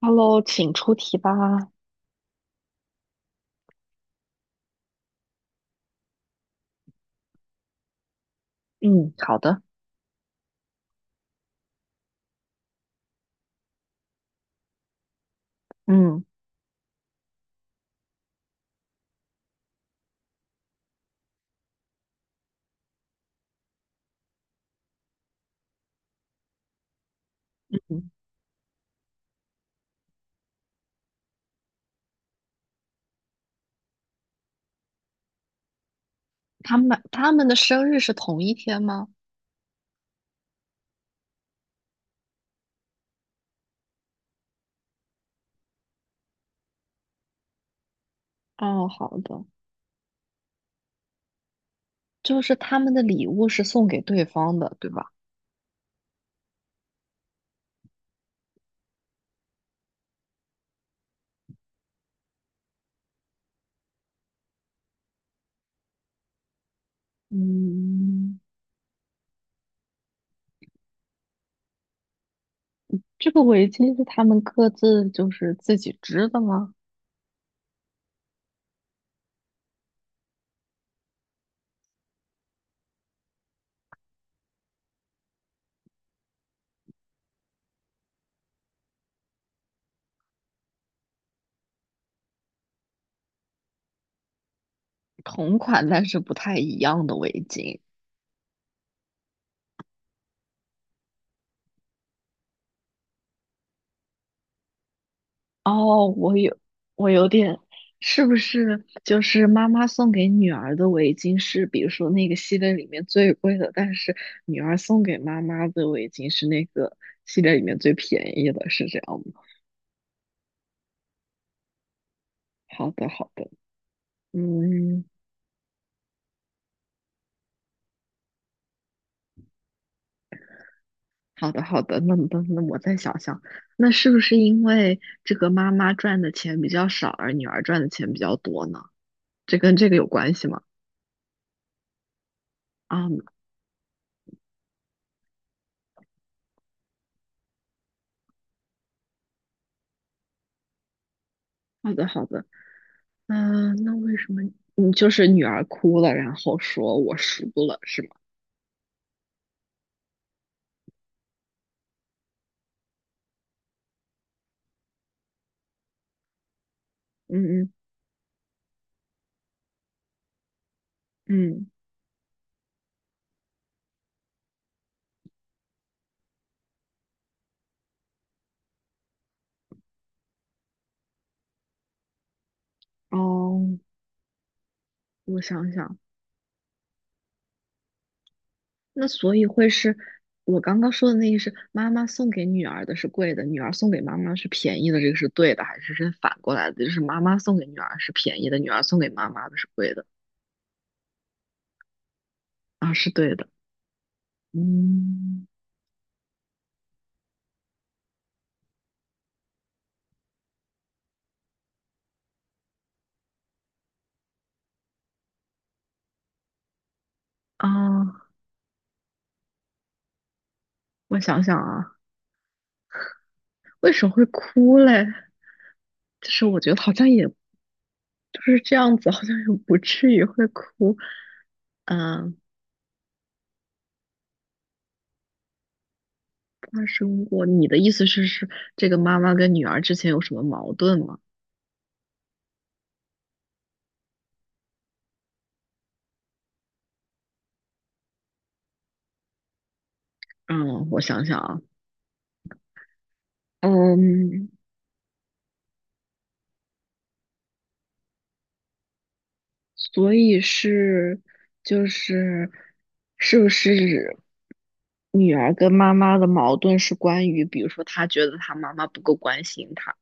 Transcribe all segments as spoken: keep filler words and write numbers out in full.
Hello，请出题吧。嗯，好的。嗯，他们他们的生日是同一天吗？哦，好的，就是他们的礼物是送给对方的，对吧？嗯，这个围巾是他们各自就是自己织的吗？同款但是不太一样的围巾。哦，我有点，是不是就是妈妈送给女儿的围巾是，比如说那个系列里面最贵的，但是女儿送给妈妈的围巾是那个系列里面最便宜的，是这样吗？好的，好的。嗯，好的，好的，那么那那我再想想，那是不是因为这个妈妈赚的钱比较少，而女儿赚的钱比较多呢？这跟这个有关系吗？啊，好的，好的。嗯，那为什么你就是女儿哭了，然后说我输了，是吗？嗯嗯嗯。哦，我想想，那所以会是我刚刚说的那个是妈妈送给女儿的是贵的，女儿送给妈妈是便宜的，这个是对的，还是是反过来的？就是妈妈送给女儿是便宜的，女儿送给妈妈的是贵的。啊，是对的。嗯。啊，我想想啊，为什么会哭嘞？就是我觉得好像也就是这样子，好像也不至于会哭。嗯，发生过。你的意思是，是这个妈妈跟女儿之前有什么矛盾吗？嗯，我想想啊。嗯，所以是就是是不是女儿跟妈妈的矛盾是关于，比如说她觉得她妈妈不够关心她，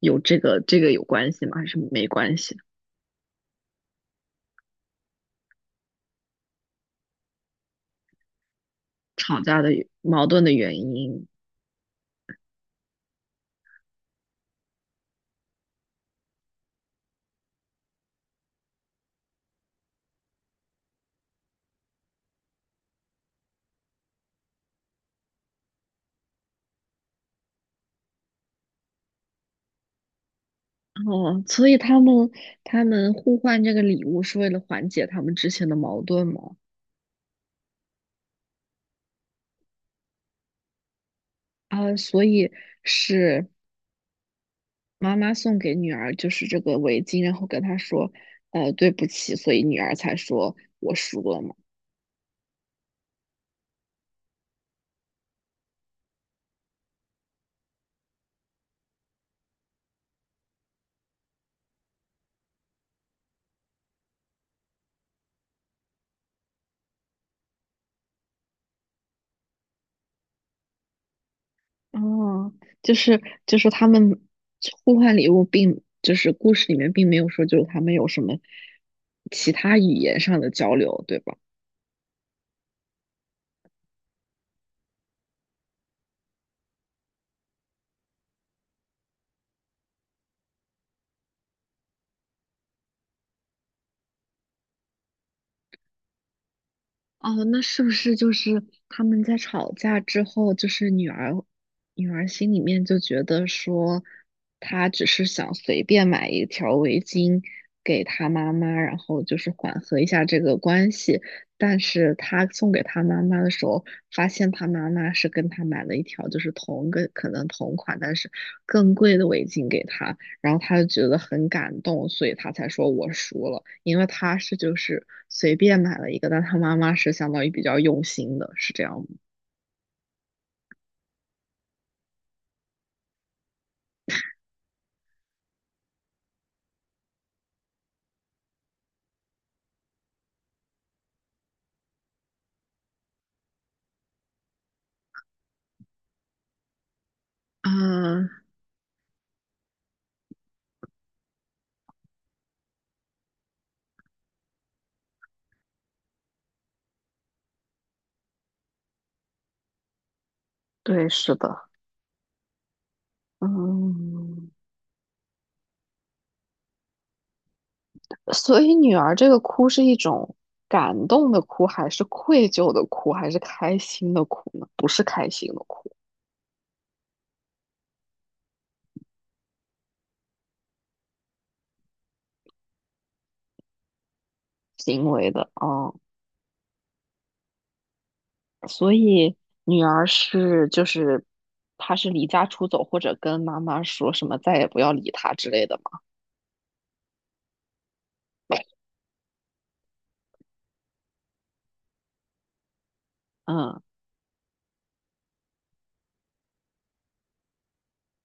有这个这个有关系吗？还是没关系？吵架的矛盾的原因。哦，所以他们他们互换这个礼物是为了缓解他们之前的矛盾吗？啊，所以是妈妈送给女儿就是这个围巾，然后跟她说，呃，对不起，所以女儿才说我输了嘛。哦，就是就是他们互换礼物并，就是故事里面并没有说就是他们有什么其他语言上的交流，对吧？哦，那是不是就是他们在吵架之后，就是女儿，女儿心里面就觉得说，她只是想随便买一条围巾给她妈妈，然后就是缓和一下这个关系。但是她送给她妈妈的时候，发现她妈妈是跟她买了一条就是同个可能同款，但是更贵的围巾给她。然后他就觉得很感动，所以他才说我输了，因为他是就是随便买了一个，但他妈妈是相当于比较用心的，是这样吗？啊，对，是的。嗯，所以女儿这个哭是一种感动的哭，还是愧疚的哭，还是开心的哭呢？不是开心的哭，行为的哦。嗯，所以女儿是就是她是离家出走，或者跟妈妈说什么再也不要理她之类的嘛？嗯。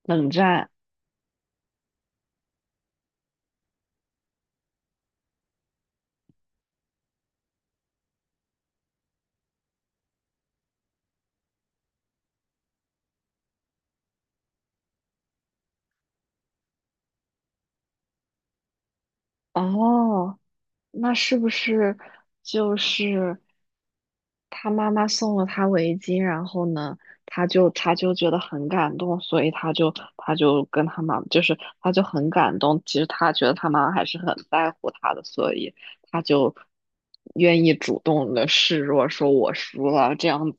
冷战。哦，那是不是就是他妈妈送了他围巾，然后呢，他就他就觉得很感动，所以他就他就跟他妈，就是他就很感动。其实他觉得他妈妈还是很在乎他的，所以他就愿意主动的示弱，说我输了这样子，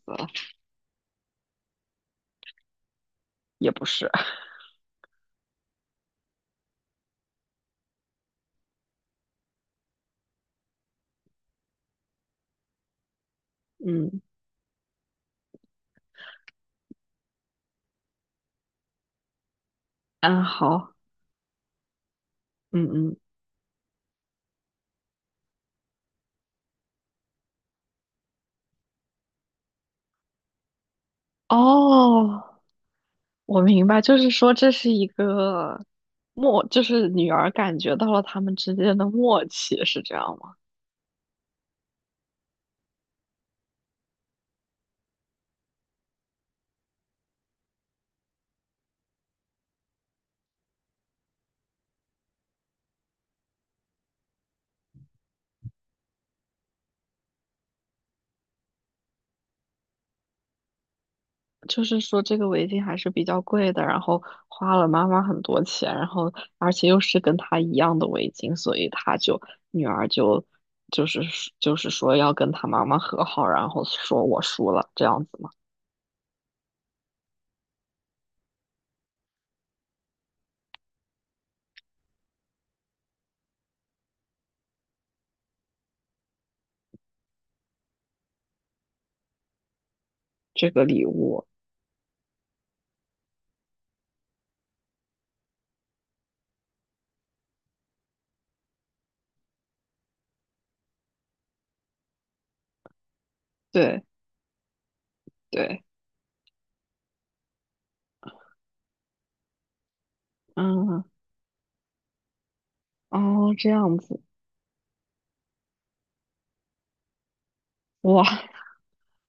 也不是。嗯，安好。嗯嗯。哦。我明白，就是说这是一个默，就是女儿感觉到了他们之间的默契，是这样吗？就是说这个围巾还是比较贵的，然后花了妈妈很多钱，然后而且又是跟她一样的围巾，所以她就女儿就就是就是说要跟她妈妈和好，然后说我输了这样子嘛，这个礼物，对，对。嗯，哦，这样子。哇，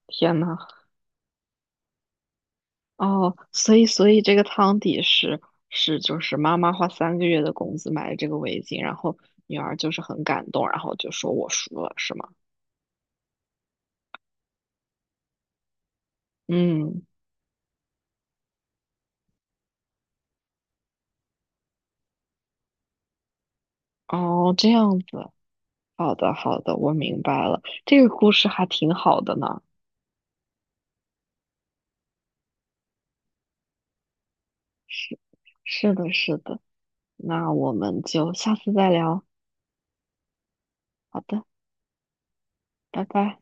天呐！哦，所以所以这个汤底是是就是妈妈花三个月的工资买了这个围巾，然后女儿就是很感动，然后就说我输了，是吗？嗯，哦，这样子，好的好的，我明白了，这个故事还挺好的呢。是，是的是的，那我们就下次再聊。好的，拜拜。